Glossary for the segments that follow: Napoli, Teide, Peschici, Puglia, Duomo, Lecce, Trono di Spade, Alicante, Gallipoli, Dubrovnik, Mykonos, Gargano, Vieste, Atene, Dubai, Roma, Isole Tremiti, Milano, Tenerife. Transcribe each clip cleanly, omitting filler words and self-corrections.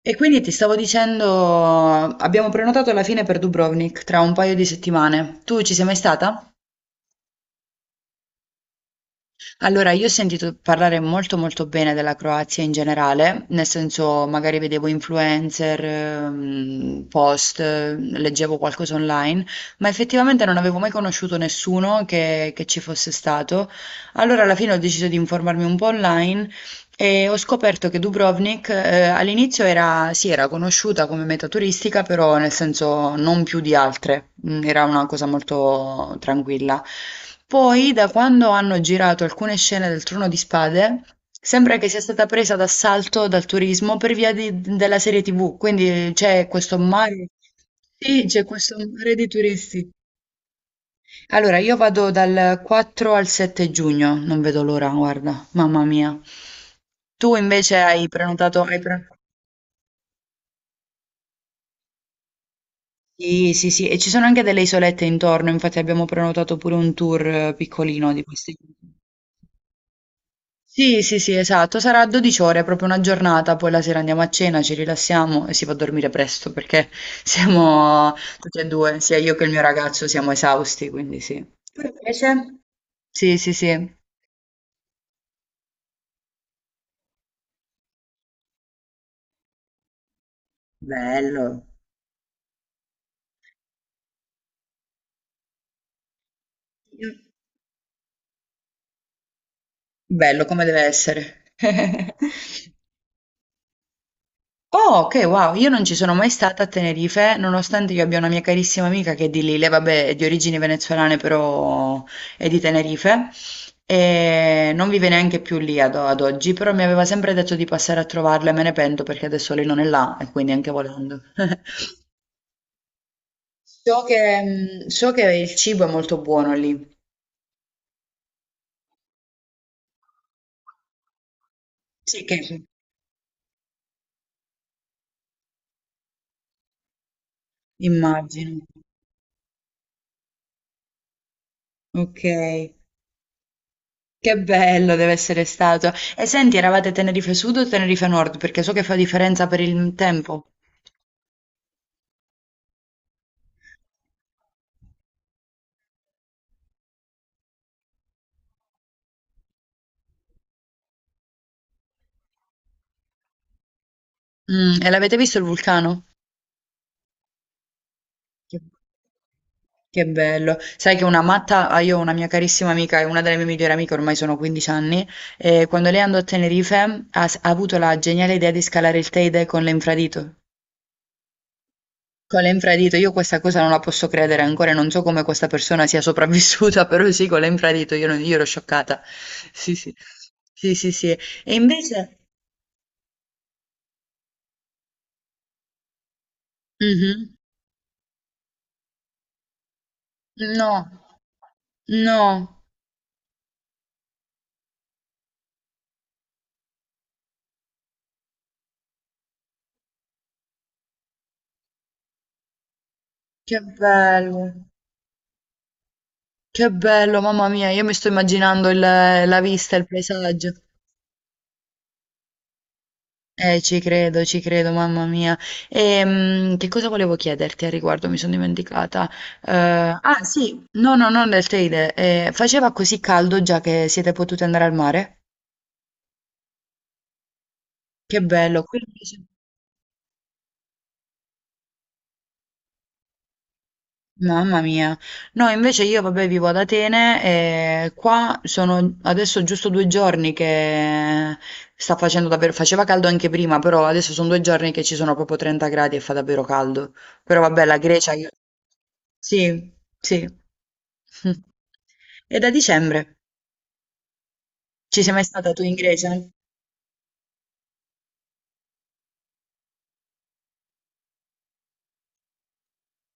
E quindi ti stavo dicendo, abbiamo prenotato alla fine per Dubrovnik tra un paio di settimane. Tu ci sei mai stata? Allora, io ho sentito parlare molto molto bene della Croazia in generale, nel senso magari vedevo influencer, post, leggevo qualcosa online, ma effettivamente non avevo mai conosciuto nessuno che ci fosse stato. Allora, alla fine ho deciso di informarmi un po' online. E ho scoperto che Dubrovnik, all'inizio era, sì, era conosciuta come meta turistica, però nel senso non più di altre, era una cosa molto tranquilla. Poi, da quando hanno girato alcune scene del Trono di Spade, sembra che sia stata presa d'assalto dal turismo per via della serie TV, quindi c'è questo mare, sì, c'è questo mare di turisti. Allora, io vado dal 4 al 7 giugno, non vedo l'ora, guarda, mamma mia. Tu invece hai prenotato, Sì, sì, sì, e ci sono anche delle isolette intorno, infatti abbiamo prenotato pure un tour piccolino di questi. Sì, sì, sì, esatto, sarà 12 ore, proprio una giornata, poi la sera andiamo a cena, ci rilassiamo e si va a dormire presto perché siamo tutti e due, sia io che il mio ragazzo, siamo esausti, quindi sì. Tu invece? Sì, sì, sì. Bello. Bello come deve essere. Oh, ok, wow, io non ci sono mai stata a Tenerife, nonostante io abbia una mia carissima amica che è di lì, lei vabbè è di origini venezuelane però è di Tenerife e non vive neanche più lì ad oggi, però mi aveva sempre detto di passare a trovarla e me ne pento perché adesso lei non è là e quindi anche volendo. So che, so che il cibo è molto buono lì. Sì, che immagino. Ok. Che bello deve essere stato. E senti, eravate Tenerife Sud o Tenerife Nord? Perché so che fa differenza per il tempo. E l'avete visto il vulcano? Che, che bello. Sai che una matta, ah, io ho una mia carissima amica, è una delle mie migliori amiche, ormai sono 15 anni, e quando lei andò a Tenerife ha avuto la geniale idea di scalare il Teide con l'infradito. Con l'infradito, io questa cosa non la posso credere ancora, e non so come questa persona sia sopravvissuta, però sì, con l'infradito io, io ero scioccata. Sì, sì. Sì, sì, sì. E invece. Mhm. No, no, che bello, che bello, mamma mia, io mi sto immaginando la vista, il paesaggio. Ci credo, mamma mia. Che cosa volevo chiederti al riguardo? Mi sono dimenticata. Eh, ah, sì, no, no, non del Teide. Faceva così caldo già che siete potute andare al mare? Che bello, qui invece. Mamma mia. No, invece io, vabbè, vivo ad Atene e qua sono adesso giusto 2 giorni che sta facendo davvero, faceva caldo anche prima, però adesso sono 2 giorni che ci sono proprio 30 gradi e fa davvero caldo. Però vabbè, la Grecia, io. Sì, sì. E da dicembre? Ci sei mai stata tu in Grecia?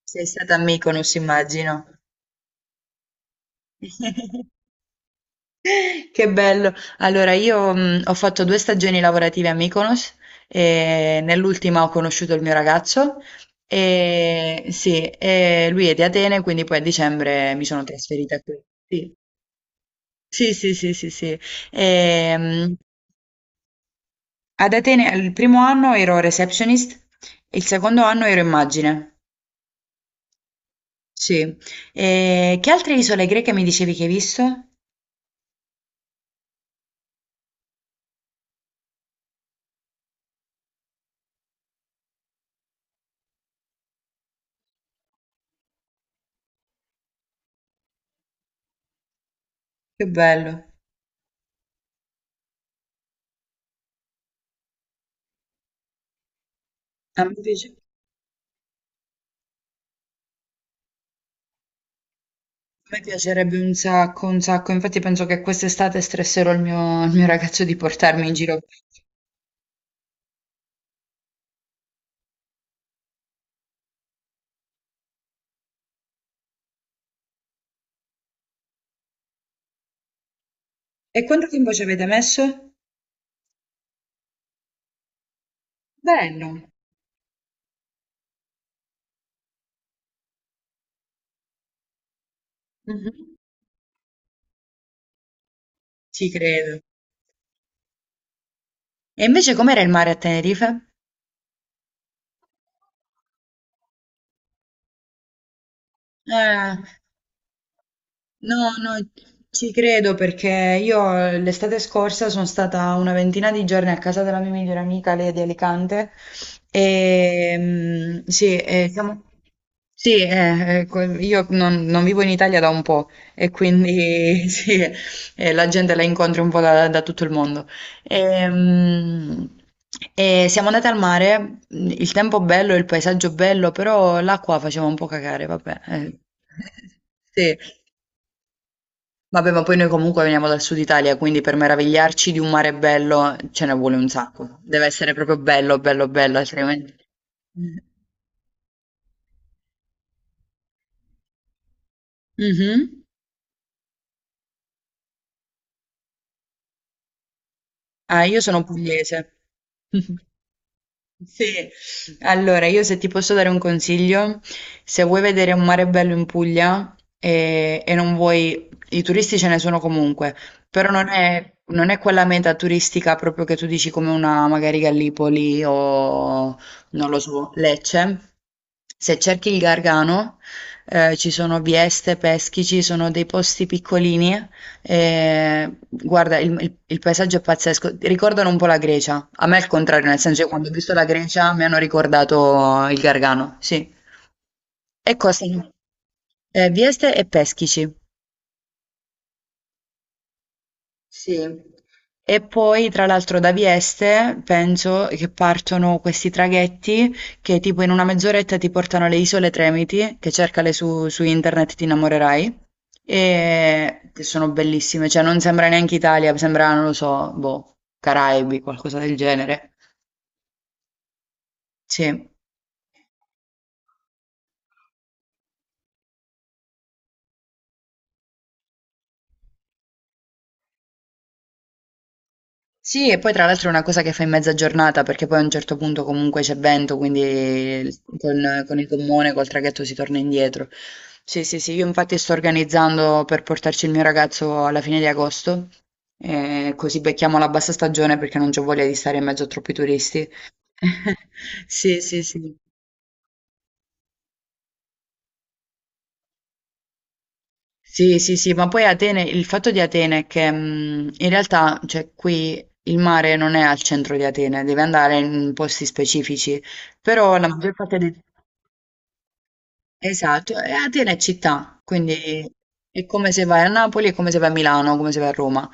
Sei stata a Mykonos, immagino. Che bello! Allora io, ho fatto 2 stagioni lavorative a Mykonos e nell'ultima ho conosciuto il mio ragazzo e sì, e lui è di Atene, quindi poi a dicembre mi sono trasferita qui. Sì, sì, sì, sì, sì, sì. Ehm, ad Atene il primo anno ero receptionist, il secondo anno ero immagine. Sì. E che altre isole greche mi dicevi che hai visto? Che bello. A me piace- A me piacerebbe un sacco, infatti penso che quest'estate stresserò il mio ragazzo di portarmi in giro. E quanto tempo ci avete messo? Bello. Mhm. Ci credo. E invece com'era il mare a Tenerife? Eh, No, no, ci credo perché io l'estate scorsa sono stata una ventina di giorni a casa della mia migliore amica, lei è di Alicante, e sì, e siamo. Sì, io non vivo in Italia da un po' e quindi sì, la gente la incontri un po' da tutto il mondo. E, mm, e siamo andate al mare, il tempo bello, il paesaggio bello, però l'acqua faceva un po' cagare, vabbè. Sì. Vabbè, ma poi noi comunque veniamo dal Sud Italia, quindi per meravigliarci di un mare bello ce ne vuole un sacco. Deve essere proprio bello, bello, bello, altrimenti. Mhm. Ah, io sono pugliese. Sì, allora io se ti posso dare un consiglio, se vuoi vedere un mare bello in Puglia e non vuoi, i turisti ce ne sono comunque, però non è quella meta turistica proprio che tu dici come una magari Gallipoli o non lo so, Lecce. Se cerchi il Gargano, ci sono Vieste, Peschici, sono dei posti piccolini. Guarda, il paesaggio è pazzesco. Ricordano un po' la Grecia. A me è il contrario, nel senso che quando ho visto la Grecia mi hanno ricordato il Gargano, sì. E costano Vieste e Peschici. Sì. E poi tra l'altro da Vieste penso che partono questi traghetti che tipo in una mezz'oretta ti portano alle Isole Tremiti, che cercale su internet ti innamorerai, e che sono bellissime, cioè non sembra neanche Italia, sembra, non lo so, boh, Caraibi, qualcosa del genere. Sì. Sì, e poi tra l'altro è una cosa che fai in mezza giornata perché poi a un certo punto comunque c'è vento, quindi con il gommone, col traghetto si torna indietro. Sì, sì, sì, io infatti sto organizzando per portarci il mio ragazzo alla fine di agosto, così becchiamo la bassa stagione perché non c'ho voglia di stare in mezzo a troppi turisti. Sì, sì, sì. Sì, sì, sì, ma poi Atene, il fatto di Atene è che in realtà, cioè, qui il mare. Esatto, e Atene è città, quindi è come se vai a Napoli, è come se vai a Milano, come se vai a Roma.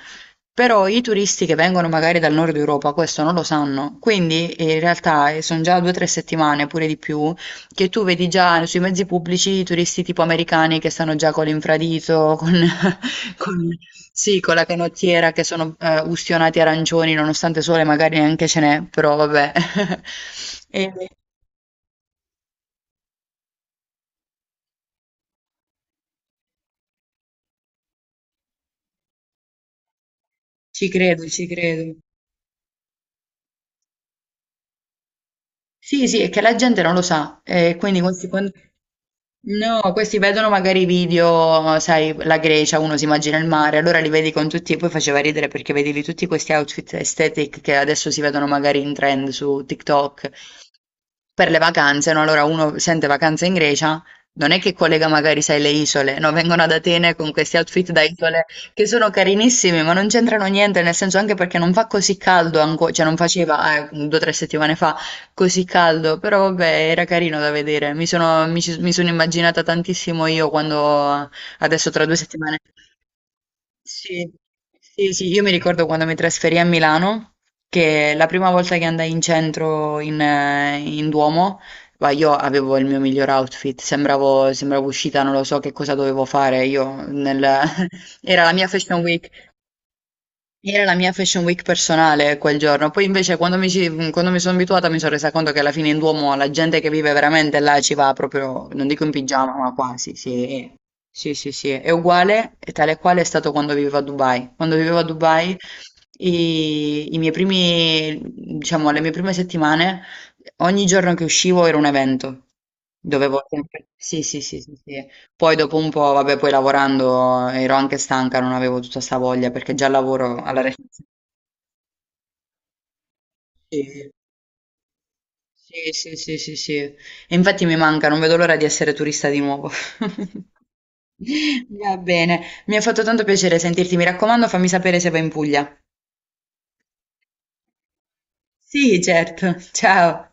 Però i turisti che vengono magari dal nord Europa questo non lo sanno, quindi in realtà sono già 2 o 3 settimane, pure di più, che tu vedi già sui mezzi pubblici i turisti tipo americani che stanno già con l'infradito, con- sì, con la canottiera, che sono ustionati arancioni, nonostante sole magari neanche ce n'è, però vabbè. E ci credo, ci credo. Sì, sì, è che la gente non lo sa, e quindi questi, no, questi vedono magari i video, sai, la Grecia, uno si immagina il mare, allora li vedi con tutti, e poi faceva ridere perché vedevi tutti questi outfit aesthetic che adesso si vedono magari in trend su TikTok per le vacanze, no? Allora uno sente vacanze in Grecia, non è che collega magari, sai, le isole, no? Vengono ad Atene con questi outfit da isole che sono carinissimi, ma non c'entrano niente, nel senso anche perché non fa così caldo ancora, cioè non faceva 2 o 3 settimane fa così caldo, però vabbè, era carino da vedere. Mi sono immaginata tantissimo io quando adesso tra 2 settimane. Sì, sì, sì, io mi ricordo quando mi trasferì a Milano, che la prima volta che andai in centro in Duomo, ma io avevo il mio miglior outfit, sembravo uscita, non lo so che cosa dovevo fare io Era la mia Fashion Week. Era la mia Fashion Week personale quel giorno, poi invece quando mi sono abituata mi sono resa conto che alla fine in Duomo la gente che vive veramente là ci va proprio, non dico in pigiama, ma quasi, sì. Sì, sì, sì, è uguale, e tale e quale è stato quando vivevo a Dubai. Quando vivevo a Dubai, i miei primi, diciamo, le mie prime settimane, ogni giorno che uscivo era un evento. Dovevo sempre. Sì, sì, sì, sì, sì. Poi dopo un po', vabbè, poi lavorando ero anche stanca, non avevo tutta sta voglia perché già lavoro alla recinzione. Sì, sì, sì, sì, sì, sì. E infatti mi manca, non vedo l'ora di essere turista di nuovo. Va bene, mi ha fatto tanto piacere sentirti, mi raccomando, fammi sapere se vai in Puglia. Sì, certo. Ciao.